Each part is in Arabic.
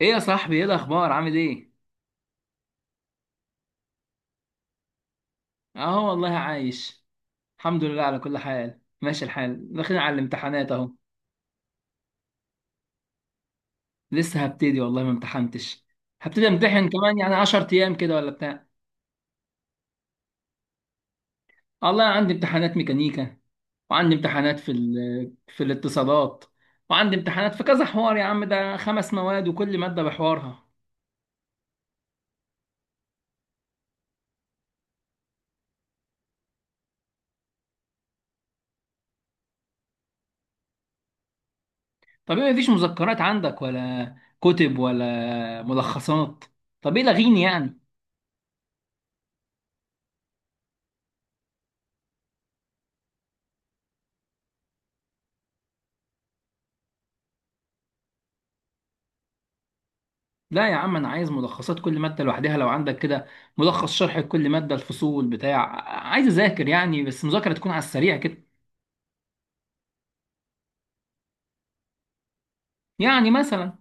ايه يا صاحبي، ايه الاخبار؟ عامل ايه؟ اهو والله عايش. الحمد لله على كل حال، ماشي الحال، داخلين على الامتحانات اهو. لسه هبتدي والله، ما امتحنتش. هبتدي امتحن كمان يعني 10 ايام كده ولا بتاع. والله عندي امتحانات ميكانيكا، وعندي امتحانات في الاتصالات. وعندي امتحانات في كذا حوار، يا عم ده خمس مواد وكل مادة بحوارها. طب ايه، مفيش مذكرات عندك ولا كتب ولا ملخصات؟ طب ايه لغيني يعني. لا يا عم انا عايز ملخصات كل ماده لوحدها لو عندك كده، ملخص شرح لكل ماده، الفصول بتاع. عايز اذاكر يعني، بس مذاكره تكون على السريع كده. يعني مثلا.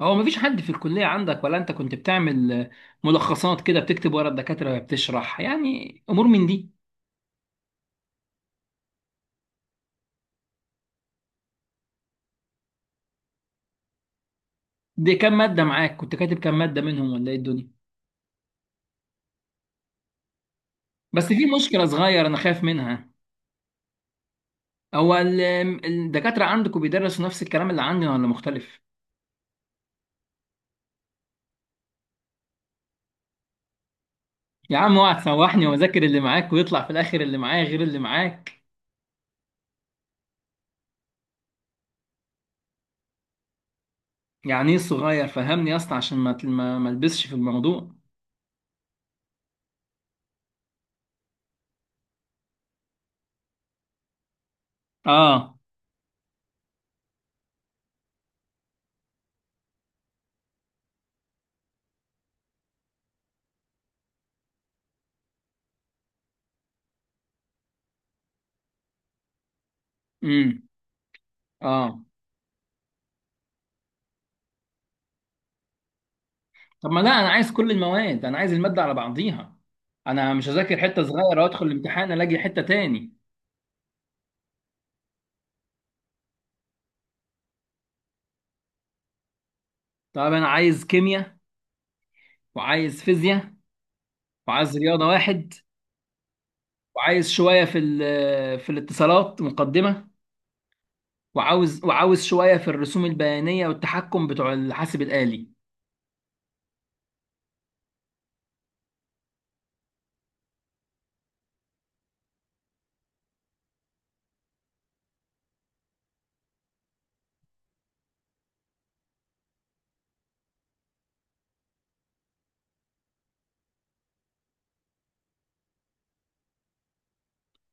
هو مفيش حد في الكليه عندك، ولا انت كنت بتعمل ملخصات كده، بتكتب ورا الدكاتره وهي بتشرح، يعني امور من دي. دي كام ماده معاك؟ كنت كاتب كام ماده منهم، ولا ايه الدنيا؟ بس في مشكله صغيره انا خايف منها. هو الدكاتره عندكم بيدرسوا نفس الكلام اللي عندنا ولا مختلف؟ يا عم اوعى تسوحني واذاكر اللي معاك ويطلع في الاخر اللي معايا غير اللي معاك. يعني ايه صغير؟ فهمني يا اسطى عشان ما البسش في الموضوع. اه. امم. اه. طب ما لا، انا عايز كل المواد، انا عايز الماده على بعضيها. انا مش هذاكر حته صغيره وادخل الامتحان الاقي حته تاني. طب انا عايز كيمياء، وعايز فيزياء، وعايز رياضه واحد، وعايز شويه في الاتصالات مقدمه، وعاوز شويه في الرسوم البيانيه والتحكم بتوع الحاسب الآلي.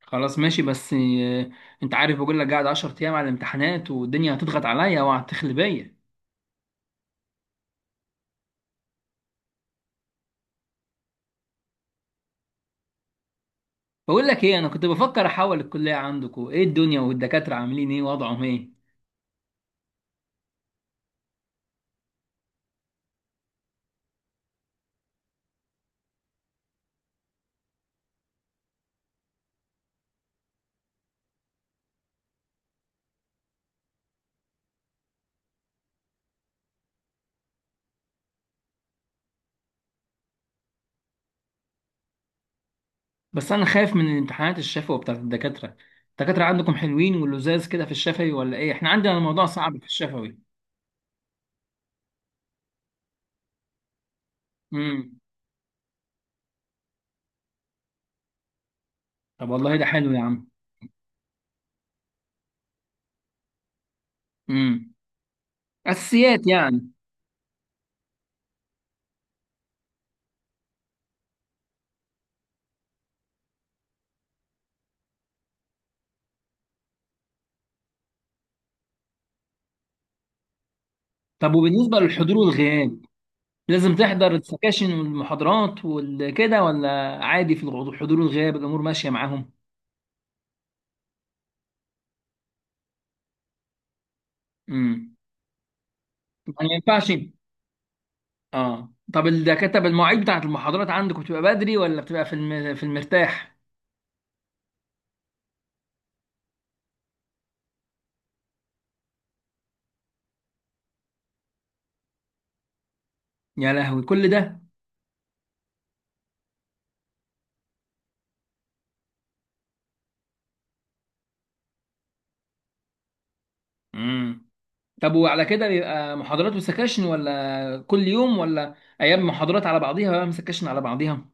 خلاص ماشي، بس انت عارف بقول لك، قاعد 10 ايام على الامتحانات والدنيا هتضغط عليا وهتخلي بيا. بقول لك ايه، انا كنت بفكر احول الكليه عندكم، ايه الدنيا والدكاتره عاملين ايه، وضعهم ايه؟ بس انا خايف من الامتحانات الشفوي بتاعت الدكاتره. الدكاتره عندكم حلوين واللزاز كده في الشفوي، ولا ايه؟ احنا عندنا الموضوع صعب في الشفوي. امم. طب والله ده حلو يا عم. امم. اساسيات يعني. طب وبالنسبه للحضور والغياب، لازم تحضر السكاشن والمحاضرات والكده ولا؟ عادي الحضور والغياب الامور ماشيه معاهم؟ امم. ما ينفعش. اه، طب الدكاتره بالمواعيد بتاعت المحاضرات عندكم بتبقى بدري، ولا بتبقى في المرتاح؟ يا لهوي كل ده. امم. طب وعلى كده بيبقى محاضرات وسكاشن، ولا كل يوم، ولا ايام محاضرات على بعضيها وأيام سكاشن على بعضيها؟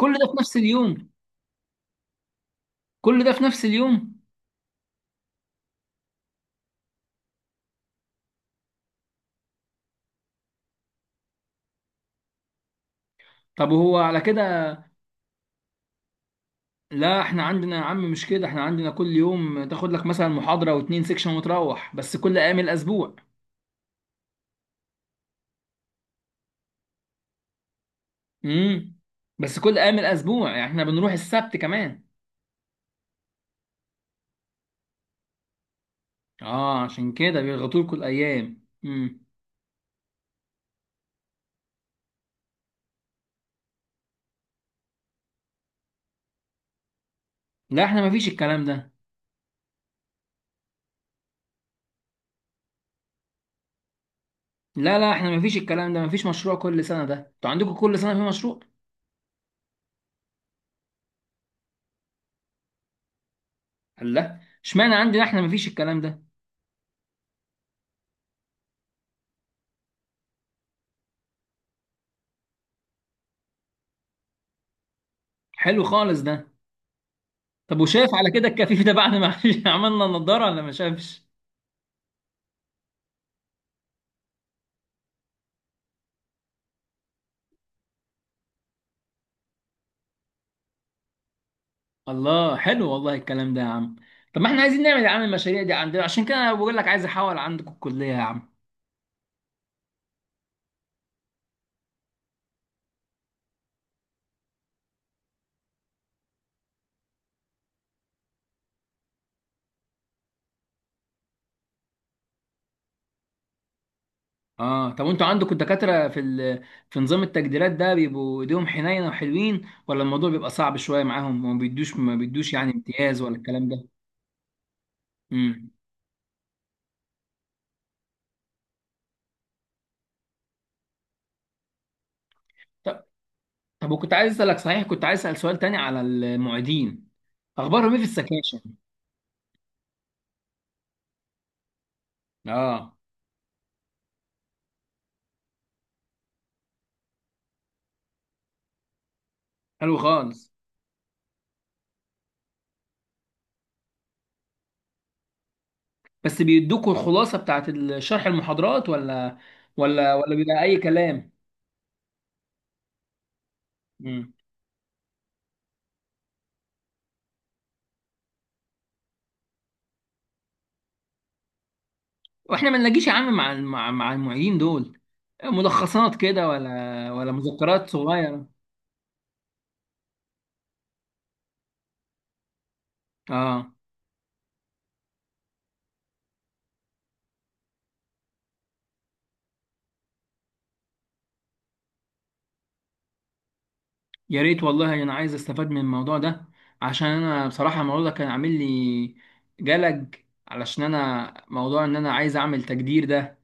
كل ده في نفس اليوم؟ كل ده في نفس اليوم؟ طب وهو على كده. لا احنا عندنا يا عم مش كده، احنا عندنا كل يوم تاخد لك مثلا محاضرة واتنين سيكشن وتروح، بس كل ايام الاسبوع. امم. بس كل ايام الاسبوع، يعني احنا بنروح السبت كمان. اه، عشان كده بيضغطوا لكم الايام. امم. لا احنا مفيش الكلام ده. لا لا، احنا مفيش الكلام ده، مفيش مشروع كل سنه، ده انتوا عندكم كل سنه في مشروع. الله، اشمعنى عندنا احنا مفيش الكلام ده. حلو خالص ده. طب وشاف على كده الكفيف ده بعد ما عملنا النضاره، ولا ما شافش؟ الله، حلو والله الكلام ده يا عم. طب ما احنا عايزين نعمل يا عم المشاريع دي عندنا، عشان كده انا بقول لك عايز احول عندكم الكليه يا عم. اه، طب وانتوا عندكم الدكاترة في نظام التجديرات ده بيبقوا ايديهم حنينة وحلوين، ولا الموضوع بيبقى صعب شوية معاهم وما بيدوش ما بيدوش يعني امتياز ولا الكلام ده؟ امم. طب. طب وكنت عايز اسألك، صحيح كنت عايز اسأل سؤال تاني على المعيدين، اخبارهم ايه في السكاشن؟ اه. حلو خالص. بس بيدوكوا الخلاصة بتاعت شرح المحاضرات، ولا ولا بيبقى اي كلام؟ امم. واحنا ما نلاقيش يا عم مع المعيدين دول ملخصات كده، ولا مذكرات صغيرة؟ اه. يا ريت والله انا عايز استفاد من الموضوع ده، عشان انا بصراحه الموضوع ده كان عامل لي جلج. علشان انا موضوع ان انا عايز اعمل تجدير ده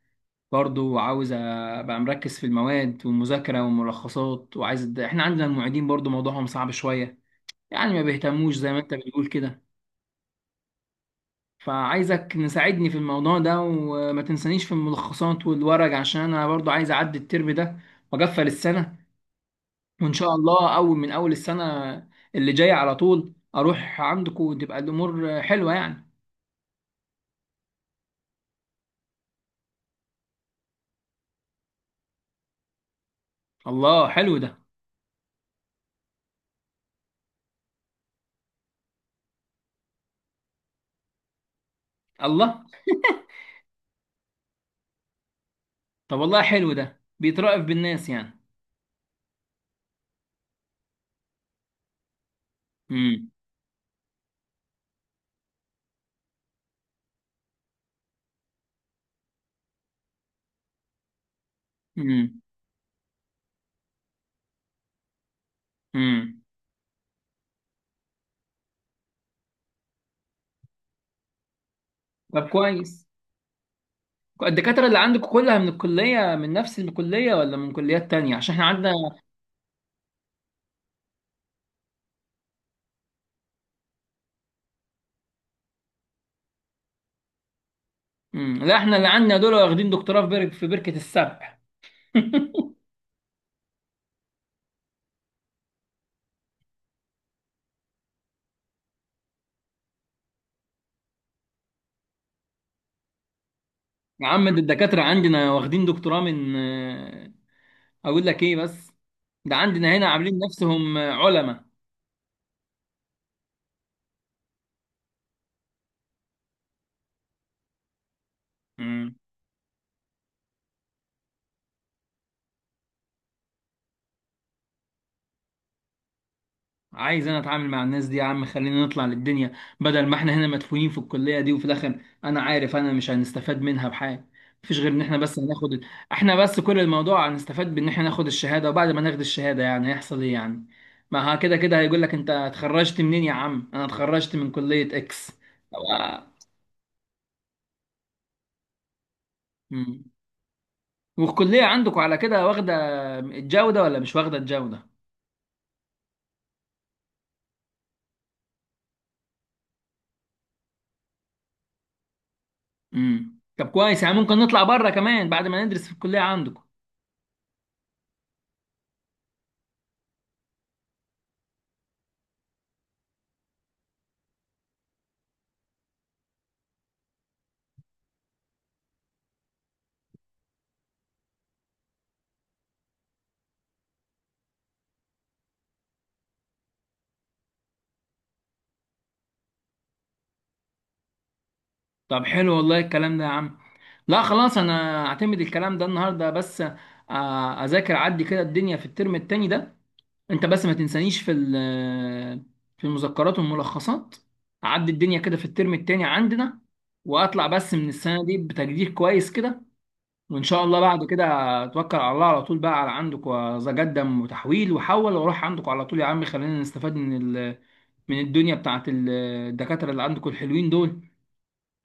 برضو، وعاوز ابقى مركز في المواد والمذاكره والملخصات، احنا عندنا المعيدين برضو موضوعهم صعب شويه، يعني ما بيهتموش زي ما انت بتقول كده. فعايزك نساعدني في الموضوع ده، وما تنسانيش في الملخصات والورق عشان انا برضو عايز اعدي الترم ده واقفل السنه، وان شاء الله اول من اول السنه اللي جايه على طول اروح عندكم وتبقى الامور حلوه يعني. الله حلو ده. الله، طب والله حلو ده بيترأف بالناس يعني. امم. امم. امم. طب كويس. الدكاتره اللي عندكم كلها من الكليه، من نفس الكليه ولا من كليات تانية؟ عشان احنا عندنا. امم. لا احنا اللي عندنا دول واخدين دكتوراه في بركه السبع. يا عم، ده الدكاتره عندنا واخدين دكتوراه من آه، اقول لك ايه بس، ده عندنا هنا عاملين نفسهم علماء. مم. عايز انا اتعامل مع الناس دي يا عم، خلينا نطلع للدنيا. بدل ما احنا هنا مدفونين في الكلية دي، وفي الاخر انا عارف انا مش هنستفاد منها بحاجة. مفيش غير ان احنا بس هناخد. احنا بس كل الموضوع هنستفاد بان احنا ناخد الشهادة، وبعد ما ناخد الشهادة يعني هيحصل ايه يعني؟ ما ها، كده كده هيقول لك انت اتخرجت منين، يا عم انا اتخرجت من كلية اكس. أو- مم. والكلية عندكم على كده واخدة الجودة، ولا مش واخدة الجودة؟ امم. طب كويس، يعني ممكن نطلع بره كمان بعد ما ندرس في الكلية عندكم. طب حلو والله الكلام ده يا عم. لا خلاص انا اعتمد الكلام ده النهارده، بس اذاكر عدي كده الدنيا في الترم التاني ده. انت بس ما تنسانيش في المذكرات والملخصات. اعدي الدنيا كده في الترم التاني عندنا، واطلع بس من السنه دي بتقدير كويس كده، وان شاء الله بعد كده اتوكل على الله على طول بقى على عندك واتقدم، وتحويل وحول واروح عندك على طول، يا عم خلينا نستفاد من الدنيا بتاعت الدكاتره اللي عندكم الحلوين دول.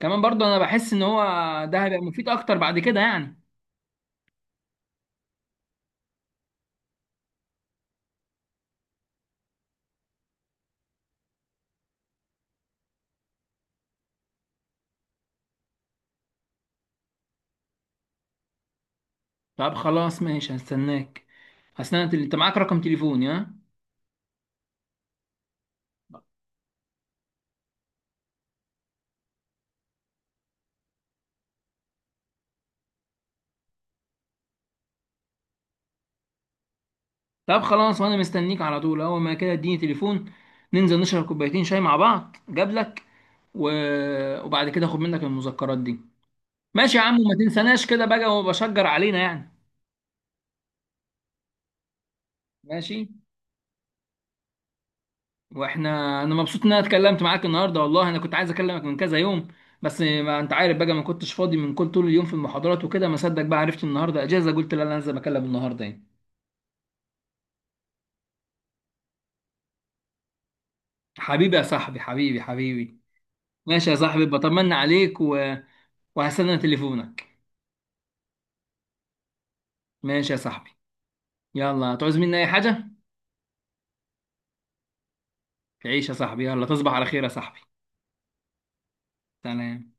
كمان برضو انا بحس ان هو ده هيبقى مفيد اكتر بعد كده يعني. طب خلاص ماشي، هستناك. اصل انا انت معاك رقم تليفوني ها؟ طب خلاص، وانا مستنيك على طول، اول ما كده اديني تليفون ننزل نشرب كوبايتين شاي مع بعض، جاب لك و... وبعد كده اخد منك المذكرات دي. ماشي يا عم، وما تنساناش كده بقى، وبشجر علينا يعني. ماشي. واحنا. انا مبسوط ان انا اتكلمت معاك النهارده، والله انا كنت عايز اكلمك من كذا يوم، بس ما انت عارف بقى ما كنتش فاضي من كل طول اليوم في المحاضرات وكده، ما صدق بقى عرفت النهارده اجازه، قلت لا انا لازم اكلم النهارده يعني. حبيبي يا صاحبي، حبيبي حبيبي. ماشي يا صاحبي، بطمن عليك وهستنى تليفونك. ماشي يا صاحبي. يلا، هتعوز مني اي حاجه. تعيش يا صاحبي، يلا تصبح على خير يا صاحبي. سلام.